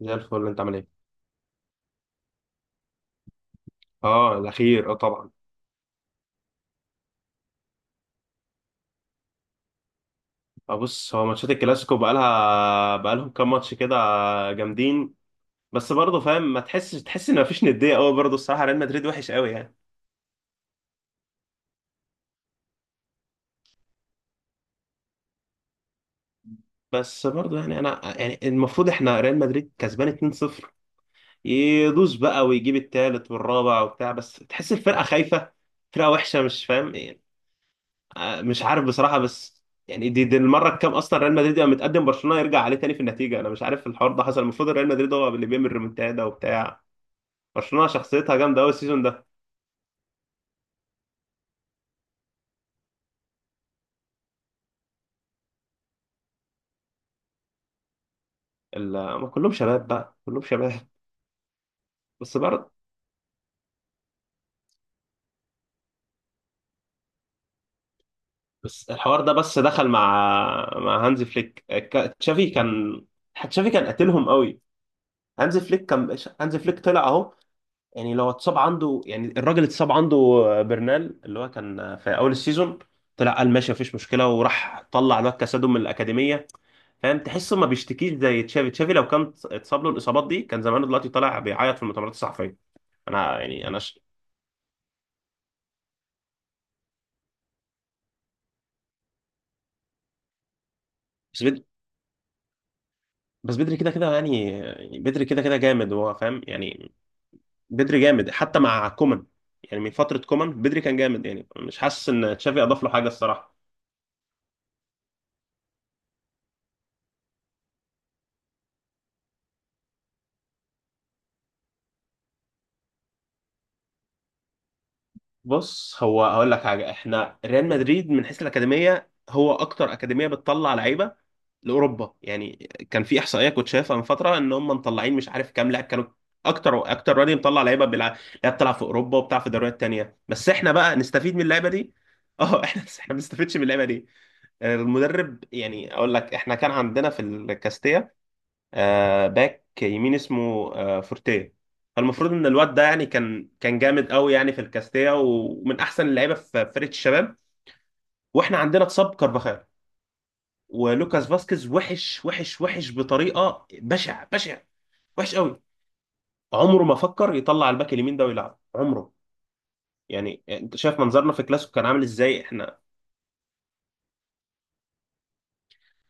زي الفل، انت عامل ايه؟ اه، الاخير. اه، طبعا. اه، بص، هو ماتشات الكلاسيكو بقالهم كام ماتش كده، جامدين. بس برضه فاهم، ما تحسش تحس ان مفيش نديه قوي، برضه الصراحه ريال مدريد وحش قوي يعني. بس برضه يعني انا يعني المفروض احنا ريال مدريد كسبان 2-0. يدوس بقى ويجيب التالت والرابع وبتاع، بس تحس الفرقه خايفه، فرقه وحشه، مش فاهم. مش عارف بصراحة، بس يعني دي المرة الكام أصلا ريال مدريد يبقى متقدم برشلونة يرجع عليه تاني في النتيجة، أنا مش عارف الحوار ده حصل، المفروض ريال مدريد هو اللي بيعمل ريمونتادا وبتاع. برشلونة شخصيتها جامدة أوي السيزون ده. هم كلهم شباب بقى، كلهم شباب. بس برضه الحوار ده، بس دخل مع هانز فليك، تشافي كان، تشافي كان قاتلهم قوي. هانز فليك طلع أهو، يعني لو اتصاب عنده، يعني الراجل اتصاب عنده برنال، اللي هو كان في اول السيزون، طلع قال ماشي، مفيش مشكله، وراح طلع الواد كاسادو من الاكاديميه. فاهم تحسه ما بيشتكيش زي تشافي. تشافي لو كان اتصاب له الاصابات دي كان زمانه دلوقتي طالع بيعيط في المؤتمرات الصحفيه. انا يعني انا ش... بس بدري. كده كده، يعني بدري كده كده جامد هو، فاهم يعني. بدري جامد حتى مع كومان، يعني من فتره كومان بدري كان جامد، يعني مش حاسس ان تشافي اضاف له حاجه الصراحه. بص، هو هقول لك حاجه، احنا ريال مدريد من حيث الاكاديميه هو اكتر اكاديميه بتطلع لعيبه لاوروبا يعني. كان في احصائيه كنت شايفها من فتره ان هم مطلعين مش عارف كام لاعب، كانوا اكتر اكتر وادي مطلع لعيبه بيلعب، لعيبه بتلعب في اوروبا وبتاع في دوريات تانيه، بس احنا بقى نستفيد من اللعيبه دي. اه احنا ما بنستفيدش من اللعيبه دي. المدرب يعني اقول لك، احنا كان عندنا في الكاستيا باك يمين اسمه فورتيه. فالمفروض ان الواد ده يعني كان جامد قوي يعني في الكاستيا، ومن احسن اللعيبه في فرقه الشباب. واحنا عندنا اتصاب كارفاخال، ولوكاس فاسكيز وحش وحش وحش بطريقه، بشع بشع، وحش قوي. عمره ما فكر يطلع الباك اليمين ده ويلعب، عمره. يعني انت شايف منظرنا في كلاسيكو كان عامل ازاي احنا.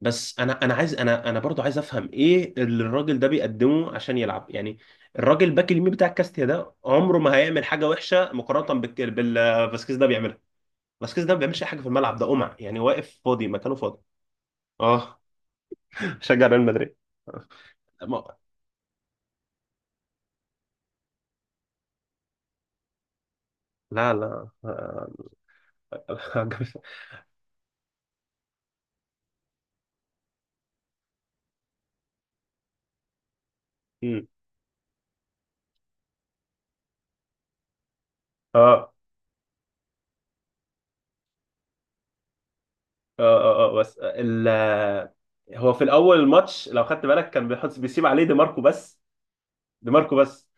بس انا عايز، انا برضو عايز افهم ايه اللي الراجل ده بيقدمه عشان يلعب يعني. الراجل الباك اليمين بتاع كاستيا ده عمره ما هيعمل حاجه وحشه مقارنه بال فاسكيز ده بيعملها. فاسكيز ده ما بيعملش اي حاجه في الملعب، ده قمع يعني، واقف فاضي، مكانه فاضي. اه شجع ريال مدريد. ما- لا، لا. أمم. اه، اه، اه، بس هو في الاول الماتش لو خدت بالك كان بيسيب عليه دي ماركو بس، دي ماركو بس،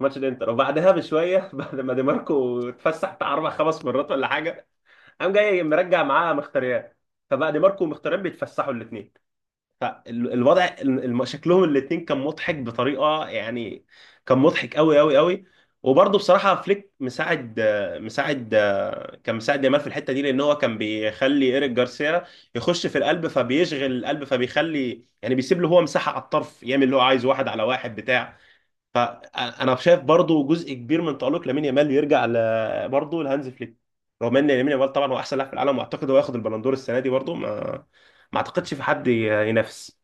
ماتش الانتر. وبعدها بشويه بعد ما دي ماركو اتفسح بتاع اربع خمس مرات ولا حاجه، قام جاي مرجع معاه مختاريان، فبقى دي ماركو ومختاريان بيتفسحوا الاثنين. فالوضع شكلهم الاثنين كان مضحك بطريقه يعني، كان مضحك قوي قوي قوي. وبرضه بصراحه فليك مساعد آه، مساعد آه، كان مساعد يامال في الحته دي، لان هو كان بيخلي ايريك جارسيا يخش في القلب، فبيشغل القلب، فبيخلي يعني بيسيب له هو مساحه على الطرف يعمل اللي هو عايزه، واحد على واحد بتاع فانا شايف برضو جزء كبير من تالق لامين يامال يرجع برضو لهانز فليك. رغم ان لامين يامال طبعا هو احسن لاعب في العالم، واعتقد هو ياخد البالندور السنه دي برضو، ما اعتقدش في حد ينافس.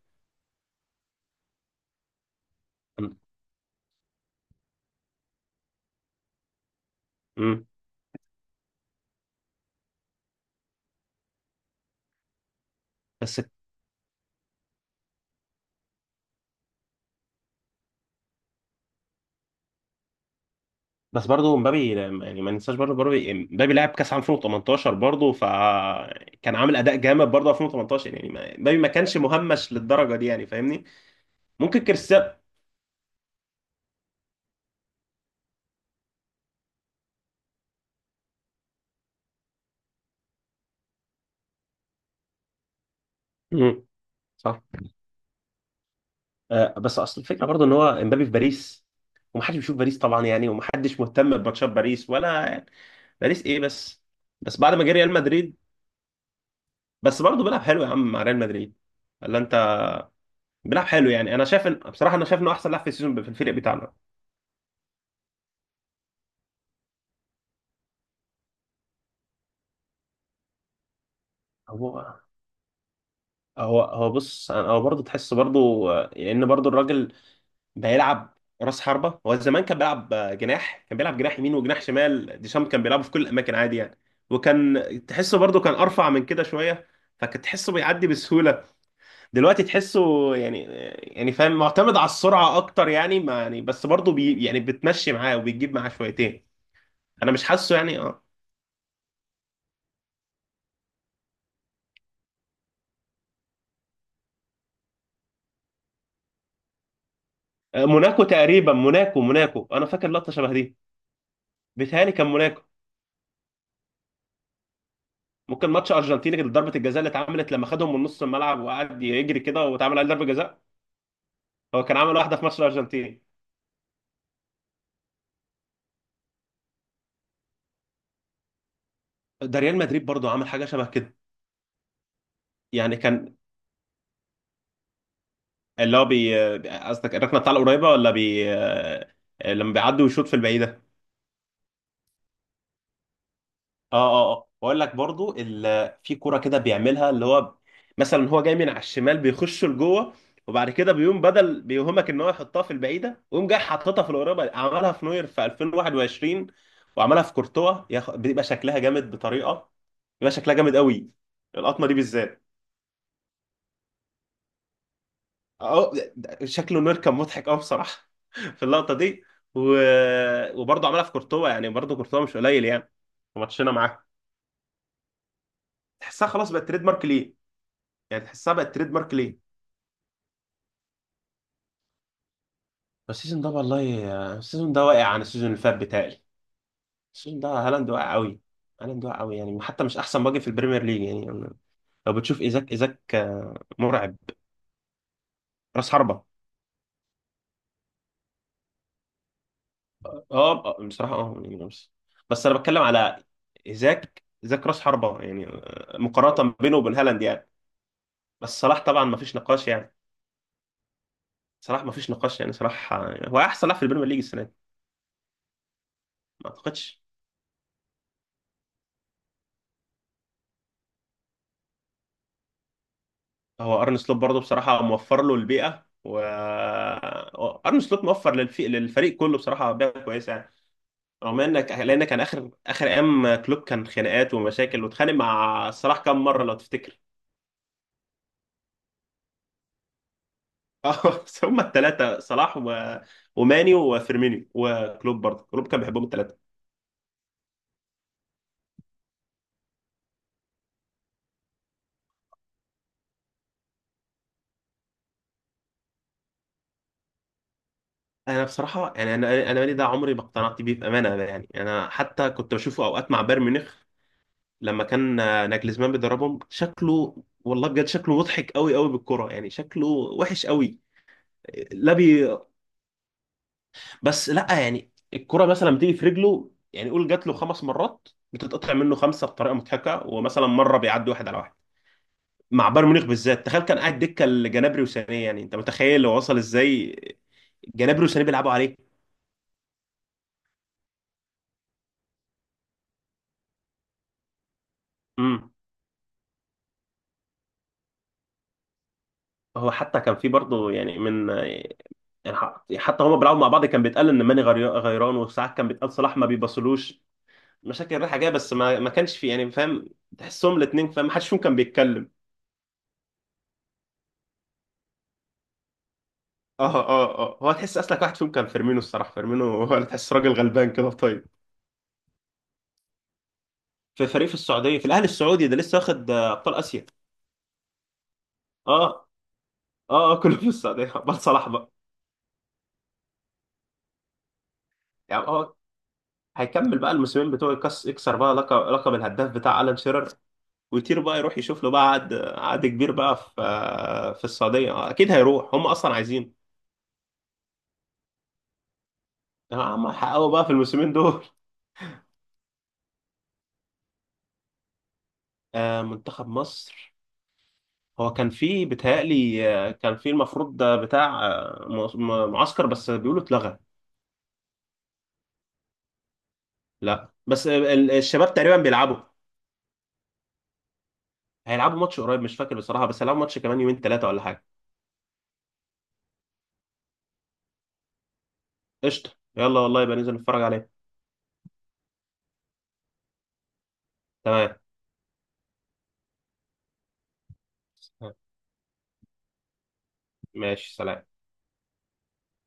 امم. بس بس برضو مبابي، يعني ما ننساش برضو مبابي، لعب كاس عام 2018 برضو، فكان عامل اداء جامد برضو 2018، يعني مبابي ما كانش مهمش للدرجه دي يعني، فاهمني. ممكن كريستيانو. امم. صح. بس اصل الفكره برضه ان هو امبابي في باريس، ومحدش بيشوف باريس طبعا يعني، ومحدش مهتم بماتشات باريس ولا يعني، باريس ايه بس. بس بعد ما جه ريال مدريد، بس برضه بيلعب حلو يا عم مع ريال مدريد، ولا انت؟ بيلعب حلو يعني، انا شايف ان بصراحه انا شايف انه احسن لاعب في السيزون في الفريق بتاعنا. هو هو هو بص، هو برضه تحس برضه ان برضه الراجل بيلعب راس حربة. هو زمان كان بيلعب جناح، كان بيلعب جناح يمين وجناح شمال، ديشام كان بيلعبه في كل الأماكن عادي يعني، وكان تحسه برضه كان أرفع من كده شوية، فكنت تحسه بيعدي بسهولة. دلوقتي تحسه، يعني يعني فاهم معتمد على السرعة أكتر يعني، ما يعني بس برضه يعني بتمشي معاه وبتجيب معاه شويتين. أنا مش حاسه يعني، اه. موناكو تقريبا، موناكو أنا فاكر لقطة شبه دي، بيتهيألي كان موناكو. ممكن ماتش أرجنتيني، كانت ضربة الجزاء اللي اتعملت لما خدهم من نص الملعب وقعد يجري كده واتعمل عليه ضربة جزاء. هو كان عمل واحده في ماتش الارجنتين. ده ريال مدريد برضو عمل حاجه شبه كده. يعني كان اللي هو قصدك الركنه بتاع القريبه ولا بي آه، لما بيعدي ويشوط في البعيده. اه، اه، اه، واقول لك برضو في كوره كده بيعملها اللي هو، مثلا هو جاي من على الشمال بيخش لجوه، وبعد كده بيقوم بدل بيوهمك ان هو يحطها في البعيده ويقوم جاي حاططها في القريبه، عملها في نوير في 2021، وعملها في كورتوا بيبقى شكلها جامد بطريقه، بيبقى شكلها جامد قوي، القطمه دي بالذات. اه شكله نور كان مضحك قوي بصراحه في اللقطه دي. و... وبرضه عملها في كورتوا يعني، برضه كورتوا مش قليل يعني في ماتشنا معاه. تحسها خلاص بقت تريد مارك ليه، يعني تحسها بقت تريد مارك ليه. بس السيزون ده والله، السيزون ده واقع عن السيزون اللي فات بتاعي. السيزون ده هالاند واقع قوي، هالاند واقع قوي يعني، حتى مش احسن باجي في البريمير ليج يعني. لو بتشوف ايزاك، مرعب، راس حربة. اه، بصراحه، اه يعني نفس، بس انا بتكلم على ايزاك راس حربه يعني، مقارنه بينه وبين هالاند يعني. بس صلاح طبعا ما فيش نقاش يعني، صلاح ما فيش نقاش يعني، صلاح هو احسن لاعب في البريمير ليج السنه دي. ما اعتقدش. هو ارن سلوت برضه بصراحه موفر له البيئه، و هو ارن سلوت موفر للفريق كله بصراحه بيئه كويسه يعني. رغم انك لان كان اخر اخر ايام كلوب كان خناقات ومشاكل، واتخانق مع صلاح كام مره لو تفتكر. اه، هم الثلاثه صلاح وماني وفيرمينيو، وكلوب برضه كلوب كان بيحبهم الثلاثه. انا بصراحه يعني انا انا ماني ده عمري ما اقتنعت بيه بامانه، أنا يعني انا حتى كنت بشوفه اوقات مع بايرن ميونخ، لما كان ناجلزمان بيدربهم، شكله والله بجد شكله مضحك قوي قوي بالكرة يعني، شكله وحش قوي. لا بي بس لا يعني الكرة مثلا بتيجي في رجله يعني، قول جات له خمس مرات بتتقطع منه خمسة بطريقة مضحكة، ومثلا مرة بيعدي واحد على واحد. مع بايرن ميونخ بالذات، تخيل كان قاعد دكه لجنابري وسانيه يعني، انت متخيل هو وصل ازاي، جنابري وسانيه بيلعبوا عليه. امم. هو حتى كان في برضه يعني من، يعني حتى هما بيلعبوا مع بعض كان بيتقال ان ماني غيران، وساعات كان بيتقال صلاح ما بيبصلوش، مشاكل رايحه جايه، بس ما كانش في يعني فاهم، تحسهم الاثنين فاهم، ما حدش فيهم كان بيتكلم. اه، اه، اه، هو تحس اصلك واحد فيهم كان فيرمينو، الصراحه فيرمينو هو اللي تحس راجل غلبان كده طيب. في فريق في السعوديه، في الاهلي السعودي ده، لسه واخد ابطال اسيا. اه، اه، اه، كله في السعوديه، بس صلاح بقى. يعني هو هيكمل بقى الموسمين بتوعه، يكسر بقى لقب، الهداف بتاع الان شيرر، ويطير بقى، يروح يشوف له بقى عقد كبير بقى في السعوديه، اكيد هيروح، هم اصلا عايزين. هم حققوا بقى في الموسمين دول. منتخب مصر، هو كان في بيتهيألي كان في المفروض ده بتاع معسكر، بس بيقولوا اتلغى. لا، بس الشباب تقريبا بيلعبوا، هيلعبوا ماتش قريب، مش فاكر بصراحه، بس هيلعبوا ماتش كمان يومين ثلاثه ولا حاجه. قشطه، يلا والله، يبقى ننزل نتفرج عليه. تمام، ماشي، سلام.